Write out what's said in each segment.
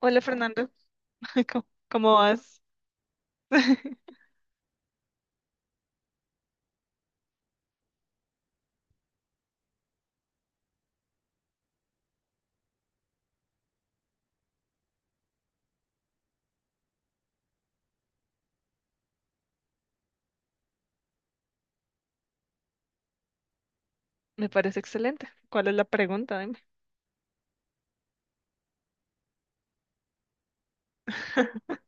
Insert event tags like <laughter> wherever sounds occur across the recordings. Hola Fernando, <laughs> ¿cómo vas? <laughs> Me parece excelente. ¿Cuál es la pregunta? Dime. <laughs>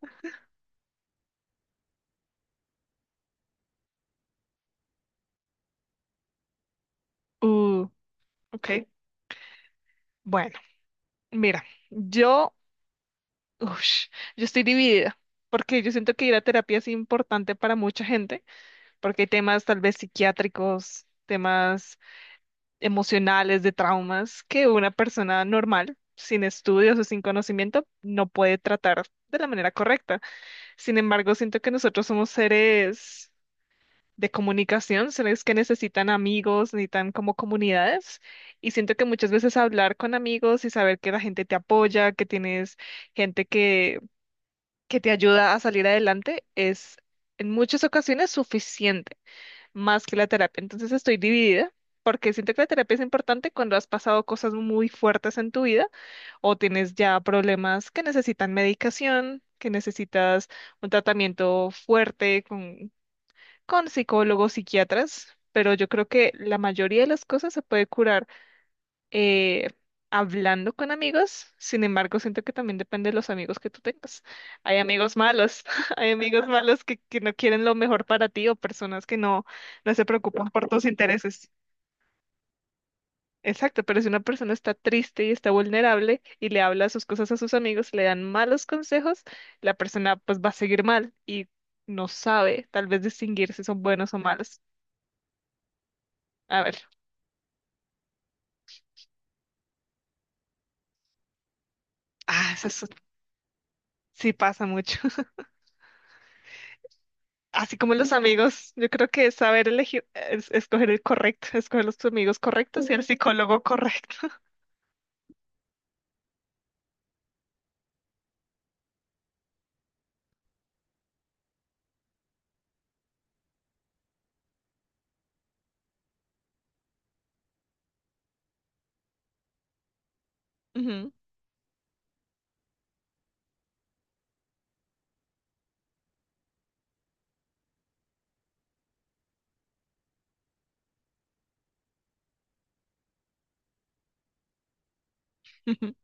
Uh, ok. Bueno, mira, yo, ush, yo estoy dividida porque yo siento que ir a terapia es importante para mucha gente, porque hay temas tal vez psiquiátricos, temas emocionales, de traumas que una persona normal, sin estudios o sin conocimiento, no puede tratar de la manera correcta. Sin embargo, siento que nosotros somos seres de comunicación, sino es que necesitan amigos, necesitan como comunidades. Y siento que muchas veces hablar con amigos y saber que la gente te apoya, que tienes gente que te ayuda a salir adelante, es en muchas ocasiones suficiente, más que la terapia. Entonces estoy dividida. Porque siento que la terapia es importante cuando has pasado cosas muy fuertes en tu vida o tienes ya problemas que necesitan medicación, que necesitas un tratamiento fuerte con psicólogos, psiquiatras, pero yo creo que la mayoría de las cosas se puede curar eh, hablando con amigos. Sin embargo, siento que también depende de los amigos que tú tengas. Hay amigos malos, <laughs> hay amigos malos que no quieren lo mejor para ti o personas que no, no se preocupan por tus intereses. Exacto, pero si una persona está triste y está vulnerable y le habla sus cosas a sus amigos, le dan malos consejos, la persona pues va a seguir mal y no sabe tal vez distinguir si son buenos o malos. A ver. Ah, eso, sí pasa mucho. <laughs> Así como los amigos, yo creo que es saber elegir, escoger el correcto, escoger los amigos correctos y el psicólogo correcto. <laughs> Ujú, ujú,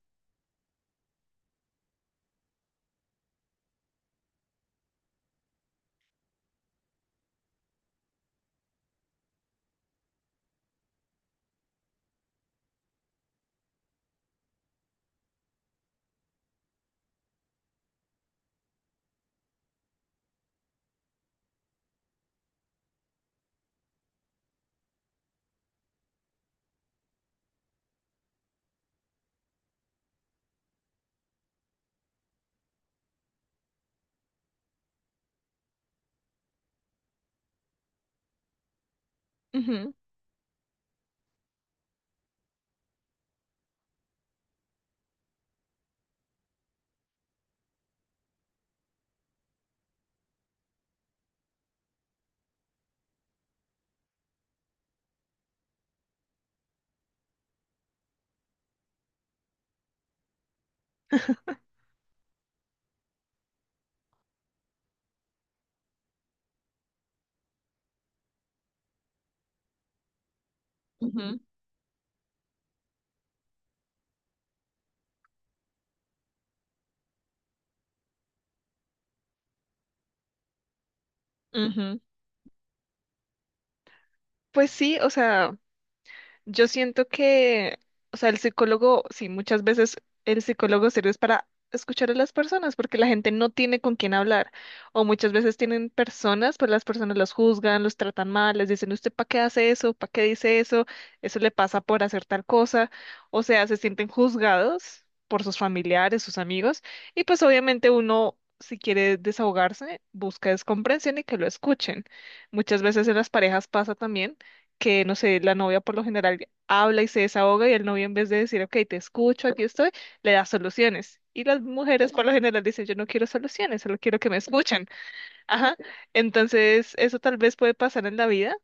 ujú, ujú, ujú. Pues sí, o sea. Yo siento que, o sea, el psicólogo, sí, muchas veces el psicólogo sirve es para escuchar a las personas, porque la gente no tiene con quién hablar. O muchas veces tienen personas, pues las personas los juzgan, los tratan mal, les dicen, ¿usted para qué hace eso? ¿Para qué dice eso? Eso le pasa por hacer tal cosa. O sea, se sienten juzgados por sus familiares, sus amigos, y pues obviamente uno, si quiere desahogarse, busca es comprensión y que lo escuchen. Muchas veces en las parejas pasa también que, no sé, la novia por lo general habla y se desahoga y el novio en vez de decir, ok, te escucho, aquí estoy, le da soluciones. Y las mujeres por lo general dicen, yo no quiero soluciones, solo quiero que me escuchen. <laughs> Ajá. Entonces, eso tal vez puede pasar en la vida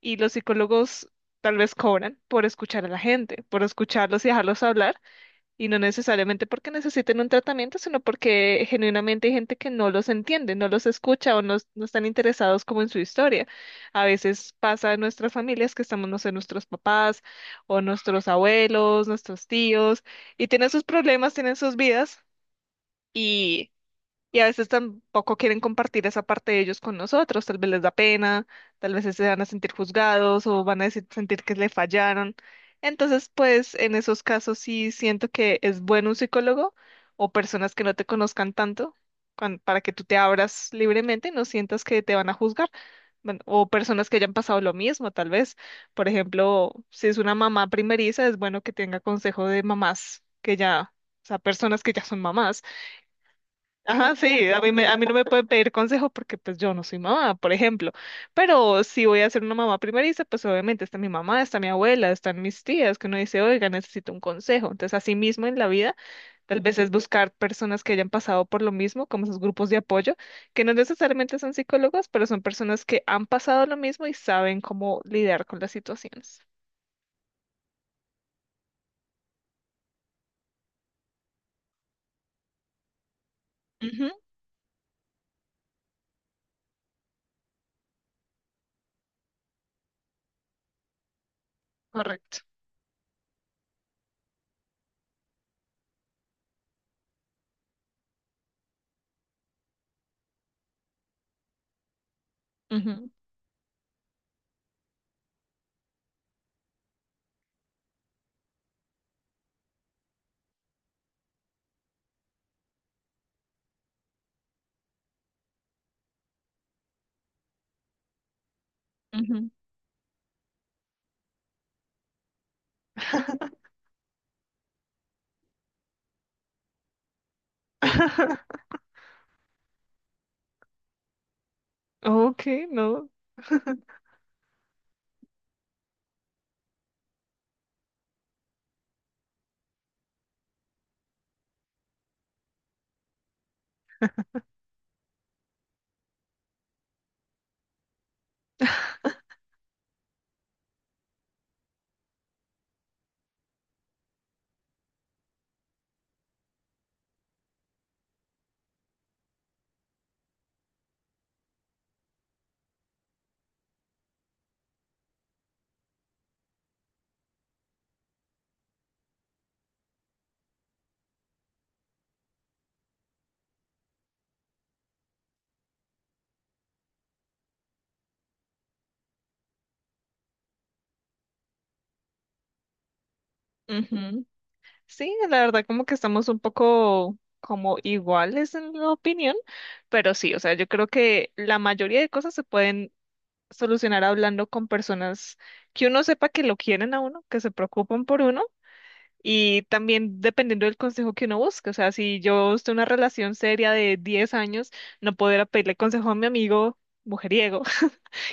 y los psicólogos tal vez cobran por escuchar a la gente, por escucharlos y dejarlos hablar y no necesariamente porque necesiten un tratamiento, sino porque genuinamente hay gente que no los entiende, no los escucha o no, no están interesados como en su historia. A veces pasa en nuestras familias que estamos, no sé, nuestros papás o nuestros abuelos, nuestros tíos, y tienen sus problemas, tienen sus vidas. Y a veces tampoco quieren compartir esa parte de ellos con nosotros, tal vez les da pena, tal vez se van a sentir juzgados o van a decir- sentir que le fallaron. Entonces, pues en esos casos sí siento que es bueno un psicólogo o personas que no te conozcan tanto para que tú te abras libremente y no sientas que te van a juzgar. Bueno, o personas que hayan pasado lo mismo, tal vez. Por ejemplo, si es una mamá primeriza, es bueno que tenga consejo de mamás que ya, o sea, personas que ya son mamás. Ajá, <laughs> sí, a mí, a mí no me pueden pedir consejos porque pues yo no soy mamá, por ejemplo, pero si voy a ser una mamá primeriza, pues obviamente está mi mamá, está mi abuela, están mis tías, que uno dice, oiga, necesito un consejo. Entonces, así mismo en la vida, tal vez es buscar personas que hayan pasado por lo mismo, como esos grupos de apoyo, que no necesariamente son psicólogos, pero son personas que han pasado lo mismo y saben cómo lidiar con las situaciones. Ujú, correcto. Ujú, ujú. <laughs> Ok, no. Sí, la verdad como que estamos un poco como iguales en la opinión, pero sí, o sea, yo creo que la mayoría de cosas se pueden solucionar hablando con personas que uno sepa que lo quieren a uno, que se preocupan por uno y también dependiendo del consejo que uno busque, o sea, si yo estoy en una relación seria de 10 años, no poder pedirle consejo a mi amigo mujeriego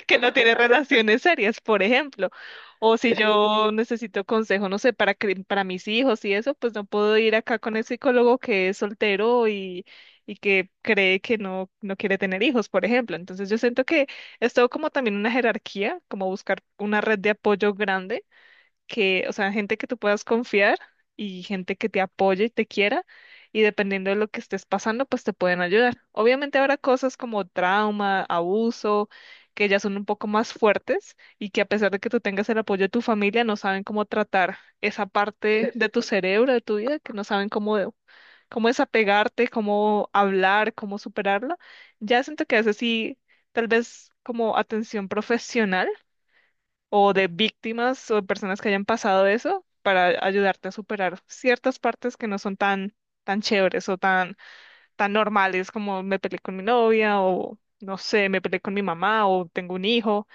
que no tiene relaciones serias, por ejemplo. O si yo necesito consejo, no sé, para mis hijos y eso, pues no puedo ir acá con el psicólogo que es soltero y que cree que no, no quiere tener hijos, por ejemplo. Entonces yo siento que es todo como también una jerarquía, como buscar una red de apoyo grande que, o sea, gente que tú puedas confiar y gente que te apoye y te quiera, y dependiendo de lo que estés pasando, pues te pueden ayudar. Obviamente habrá cosas como trauma, abuso, que ya son un poco más fuertes y que a pesar de que tú tengas el apoyo de tu familia, no saben cómo tratar esa parte de tu cerebro, de tu vida, que no saben cómo, cómo desapegarte, cómo hablar, cómo superarla. Ya siento que a veces sí, tal vez como atención profesional o de víctimas o de personas que hayan pasado eso para ayudarte a superar ciertas partes que no son tan, tan chéveres o tan, tan normales como me peleé con mi novia o no sé, me peleé con mi mamá o tengo un hijo,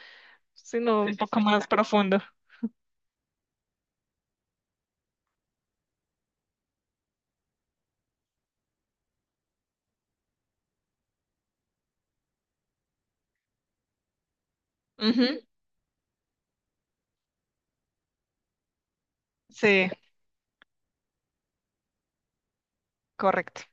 sino un poco más profundo. Ujú. Sí, correcto,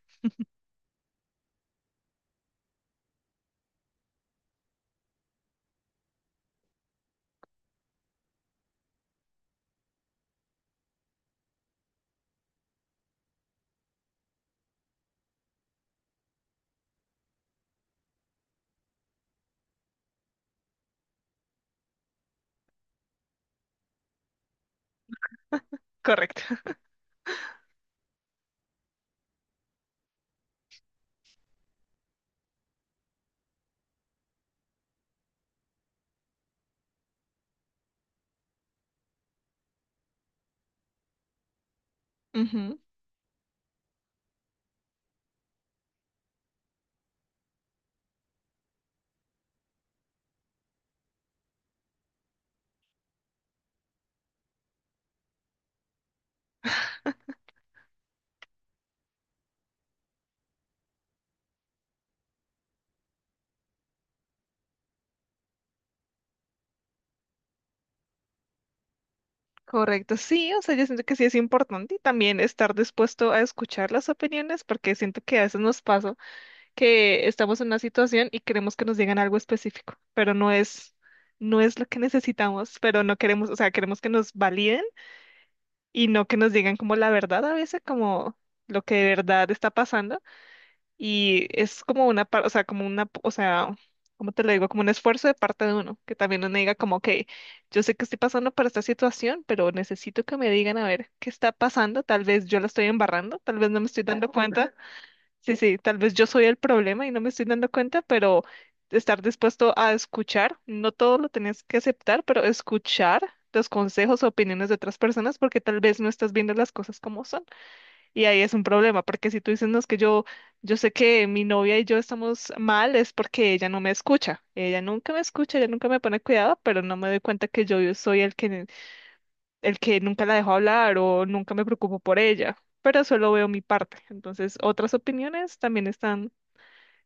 correcto. <laughs> Ujú. Correcto, sí, o sea, yo siento que sí es importante y también estar dispuesto a escuchar las opiniones porque siento que a veces nos pasa que estamos en una situación y queremos que nos digan algo específico, pero no es lo que necesitamos, pero no queremos, o sea, queremos que nos validen y no que nos digan como la verdad a veces, como lo que de verdad está pasando y es como una, o sea, como una, o sea, ¿cómo te lo digo? Como un esfuerzo de parte de uno, que también uno diga como, ok, yo sé que estoy pasando por esta situación, pero necesito que me digan a ver qué está pasando, tal vez yo la estoy embarrando, tal vez no me estoy dando cuenta. Sí, sí, tal vez yo soy el problema y no me estoy dando cuenta, pero estar dispuesto a escuchar, no todo lo tenés que aceptar, pero escuchar los consejos o opiniones de otras personas porque tal vez no estás viendo las cosas como son. Y ahí es un problema, porque si tú dices, no, es que yo sé que mi novia y yo estamos mal, es porque ella no me escucha. Ella nunca me escucha, ella nunca me pone cuidado, pero no me doy cuenta que yo soy el que nunca la dejo hablar o nunca me preocupo por ella pero solo veo mi parte. Entonces, otras opiniones también están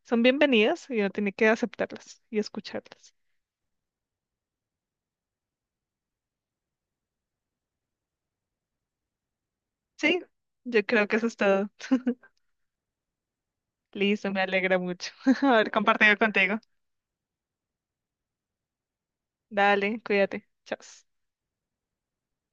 son bienvenidas y uno tiene que aceptarlas y escucharlas. Sí, yo creo que eso es todo. Listo, me alegra mucho <laughs> haber compartido contigo. Dale, cuídate. Chao.